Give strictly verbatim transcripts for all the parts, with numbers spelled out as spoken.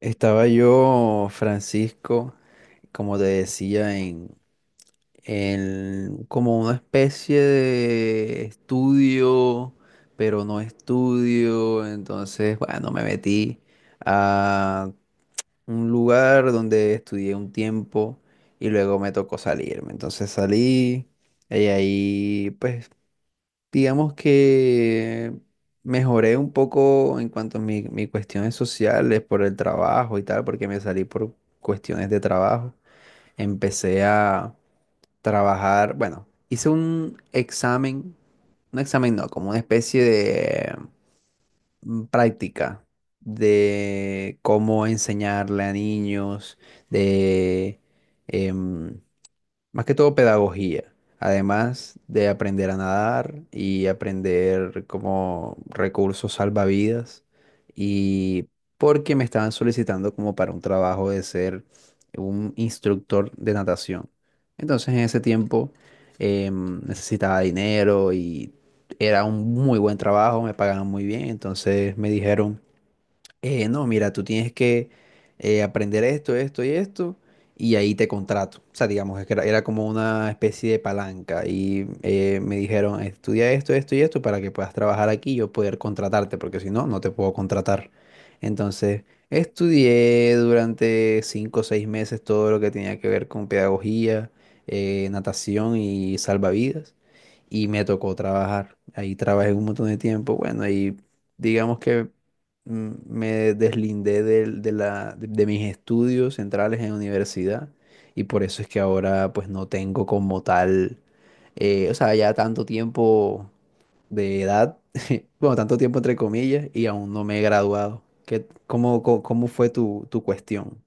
Estaba yo, Francisco, como te decía, en, en como una especie de estudio, pero no estudio. Entonces, bueno, me metí a un lugar donde estudié un tiempo y luego me tocó salirme. Entonces salí y ahí, pues, digamos que mejoré un poco en cuanto a mi- mis cuestiones sociales por el trabajo y tal, porque me salí por cuestiones de trabajo. Empecé a trabajar, bueno, hice un examen, un examen no, como una especie de mm, práctica de cómo enseñarle a niños, de em, más que todo pedagogía, además de aprender a nadar y aprender como recursos salvavidas y porque me estaban solicitando como para un trabajo de ser un instructor de natación. Entonces en ese tiempo, em, necesitaba dinero y era un muy buen trabajo, me pagaban muy bien, entonces me dijeron, eh, no, mira, tú tienes que, eh, aprender esto, esto y esto, y ahí te contrato. O sea, digamos, es que era, era como una especie de palanca. Y eh, me dijeron, estudia esto, esto y esto para que puedas trabajar aquí y yo poder contratarte, porque si no, no te puedo contratar. Entonces, estudié durante cinco o seis meses todo lo que tenía que ver con pedagogía, eh, natación y salvavidas y me tocó trabajar. Ahí trabajé un montón de tiempo, bueno, y digamos que, mm, me deslindé del- de, la, de, de mis estudios centrales en universidad y por eso es que ahora pues no tengo como tal, eh, o sea, ya tanto tiempo de edad, bueno, tanto tiempo entre comillas y aún no me he graduado. ¿Qué, cómo, cómo, cómo fue tu, tu cuestión?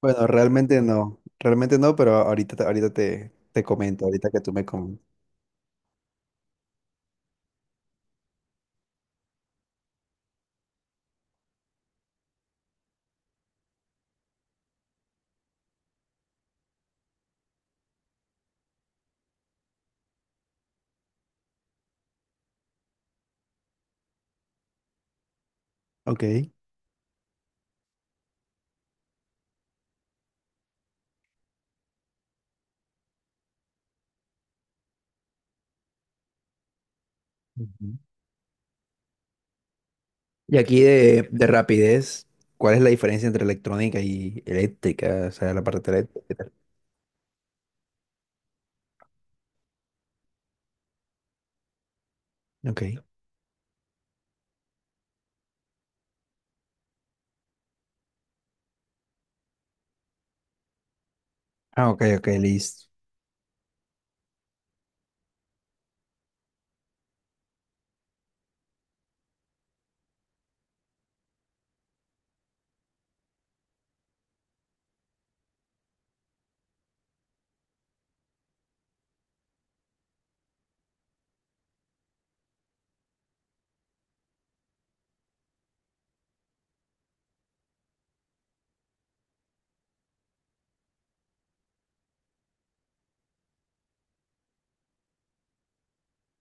Bueno, realmente no, realmente no, pero ahorita, te- ahorita te, te comento, ahorita que tú me comentas. Ok. Ujú. Y aquí de, de rapidez, ¿cuál es la diferencia entre electrónica y eléctrica? O sea, la parte eléctrica. Y tal. Ok. Ah, ok, ok, listo.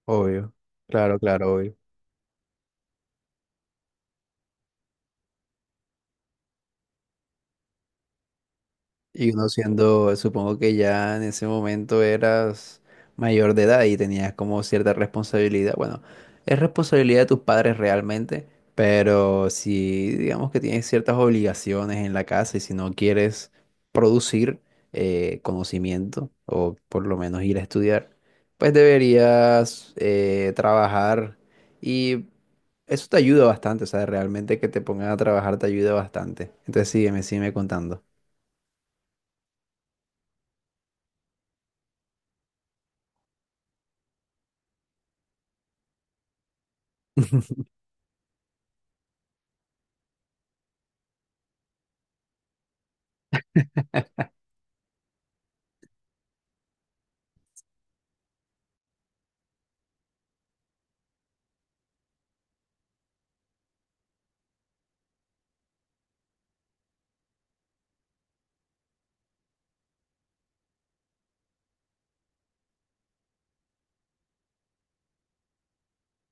Obvio. Claro, claro, obvio. Y uno siendo, supongo que ya en ese momento eras mayor de edad y tenías como cierta responsabilidad. Bueno, es responsabilidad de tus padres realmente, pero si digamos que tienes ciertas obligaciones en la casa y si no quieres producir, eh, conocimiento o por lo menos ir a estudiar, pues deberías, eh, trabajar y eso te ayuda bastante, o sea, realmente que te pongan a trabajar te ayuda bastante. Entonces sígueme, sígueme contando.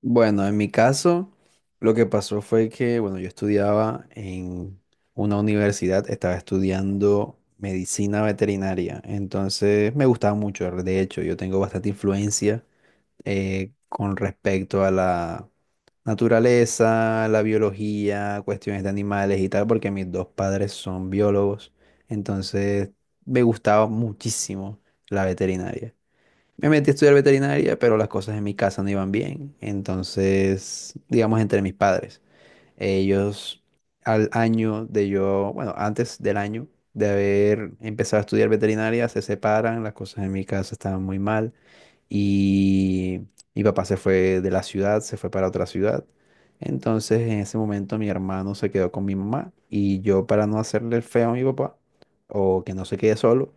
Bueno, en mi caso, lo que pasó fue que, bueno, yo estudiaba en una universidad, estaba estudiando medicina veterinaria, entonces me gustaba mucho, de hecho, yo tengo bastante influencia, eh, con respecto a la naturaleza, la biología, cuestiones de animales y tal, porque mis dos padres son biólogos, entonces me gustaba muchísimo la veterinaria. Me metí a estudiar veterinaria, pero las cosas en mi casa no iban bien. Entonces, digamos, entre mis padres, ellos al año de yo, bueno, antes del año de haber empezado a estudiar veterinaria, se separan, las cosas en mi casa estaban muy mal y mi papá se fue de la ciudad, se fue para otra ciudad. Entonces, en ese momento, mi hermano se quedó con mi mamá y yo, para no hacerle el feo a mi papá o que no se quede solo,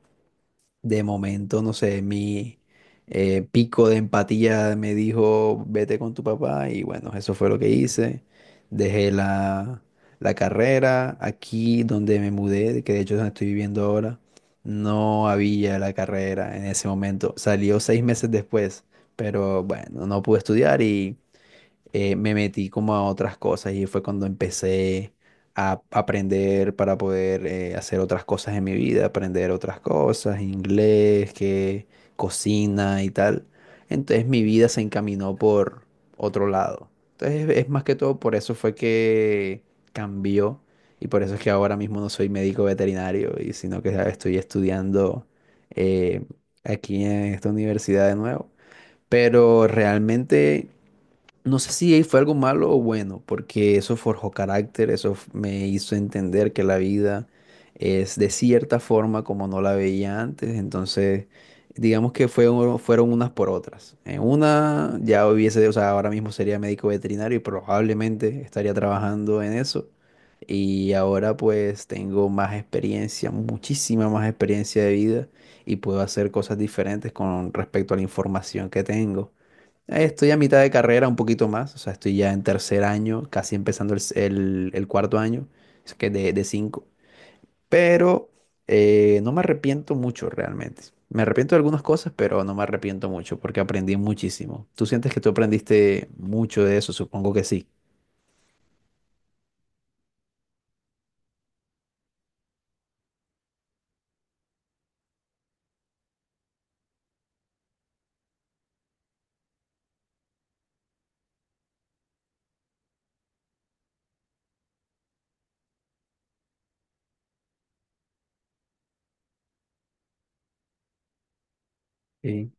de momento, no sé, mi eh, pico de empatía me dijo, vete con tu papá y bueno, eso fue lo que hice. Dejé la, la carrera aquí donde me mudé, que de hecho es donde estoy viviendo ahora, no había la carrera en ese momento. Salió seis meses después, pero bueno, no pude estudiar, eh, me metí como a otras cosas y fue cuando empecé a aprender para poder, eh, hacer otras cosas en mi vida, aprender otras cosas, inglés, que cocina y tal. Entonces mi vida se encaminó por otro lado. Entonces es más que todo por eso fue que cambió y por eso es que ahora mismo no soy médico veterinario y sino que estoy estudiando, eh, aquí en esta universidad de nuevo. Pero realmente no sé si ahí fue algo malo o bueno, porque eso forjó carácter, eso f- me hizo entender que la vida es de cierta forma como no la veía antes, entonces digamos que fue un- fueron unas por otras. En una ya hubiese, o sea, ahora mismo sería médico veterinario y probablemente estaría trabajando en eso. Y ahora pues tengo más experiencia, muchísima más experiencia de vida y puedo hacer cosas diferentes con respecto a la información que tengo. Eh, Estoy a mitad de carrera, un poquito más, o sea, estoy ya en tercer año, casi empezando el, s- el- el cuarto año, es que de, de cinco, pero, eh, no me arrepiento mucho realmente. Me arrepiento de algunas cosas, pero no me arrepiento mucho porque aprendí muchísimo. ¿Tú sientes que tú aprendiste mucho de eso? Supongo que sí. Sí.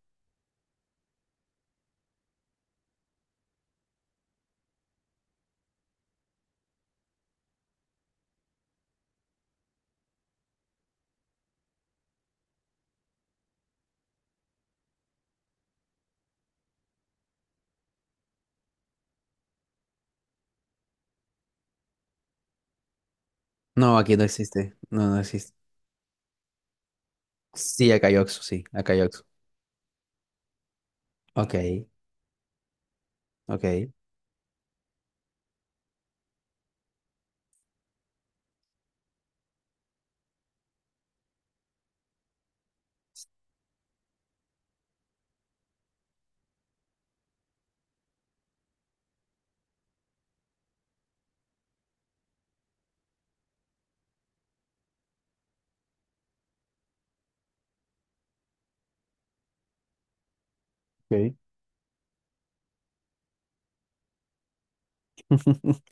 No, aquí no existe, no, no existe. Sí, acá hay Oxxo, sí, acá hay Oxxo. Ok, ok. Ok,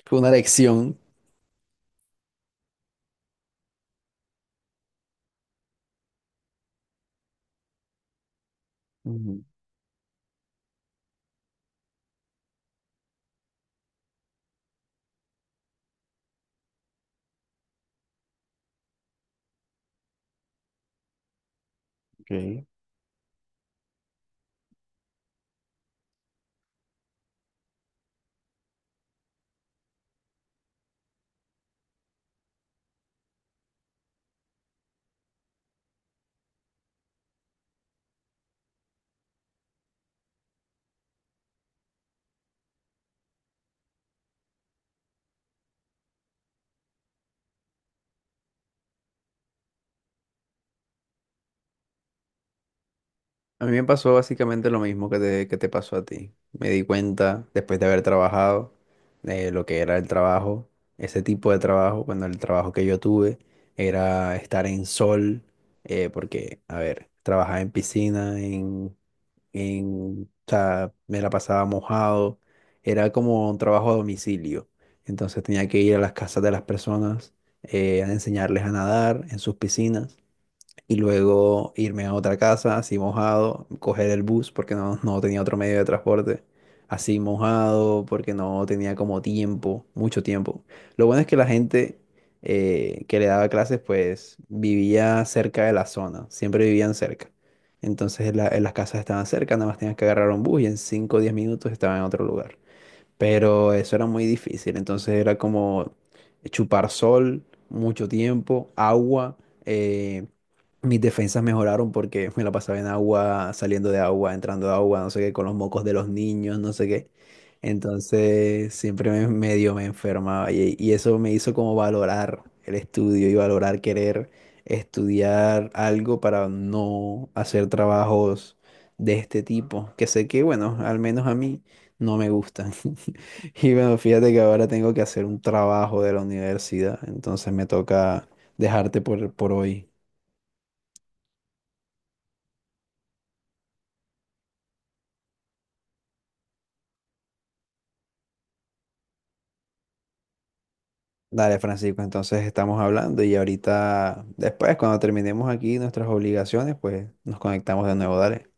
fue una lección. Ujú, ok. A mí me pasó básicamente lo mismo que te, que te pasó a ti. Me di cuenta, después de haber trabajado, de lo que era el trabajo, ese tipo de trabajo, cuando el trabajo que yo tuve era estar en sol, eh, porque, a ver, trabajaba en piscina, en, en, o sea, me la pasaba mojado, era como un trabajo a domicilio. Entonces tenía que ir a las casas de las personas, eh, a enseñarles a nadar en sus piscinas y luego irme a otra casa así mojado, coger el bus porque no, no tenía otro medio de transporte, así mojado porque no tenía como tiempo, mucho tiempo. Lo bueno es que la gente, eh, que le daba clases pues vivía cerca de la zona, siempre vivían cerca. Entonces la- las casas estaban cerca, nada más tenías que agarrar un bus y en cinco o diez minutos estaba en otro lugar, pero eso era muy difícil. Entonces era como chupar sol, mucho tiempo, agua. eh, mis defensas mejoraron porque me la pasaba en agua, saliendo de agua, entrando de agua, no sé qué, con los mocos de los niños, no sé qué. Entonces siempre me, medio me enfermaba y, y eso me hizo como valorar el estudio y valorar querer estudiar algo para no hacer trabajos de este tipo, que sé que, bueno, al menos a mí no me gustan. Y bueno, fíjate que ahora tengo que hacer un trabajo de la universidad, entonces me toca dejarte por, por hoy. Dale, Francisco, entonces estamos hablando y ahorita, después, cuando terminemos aquí nuestras obligaciones, pues nos conectamos de nuevo, dale.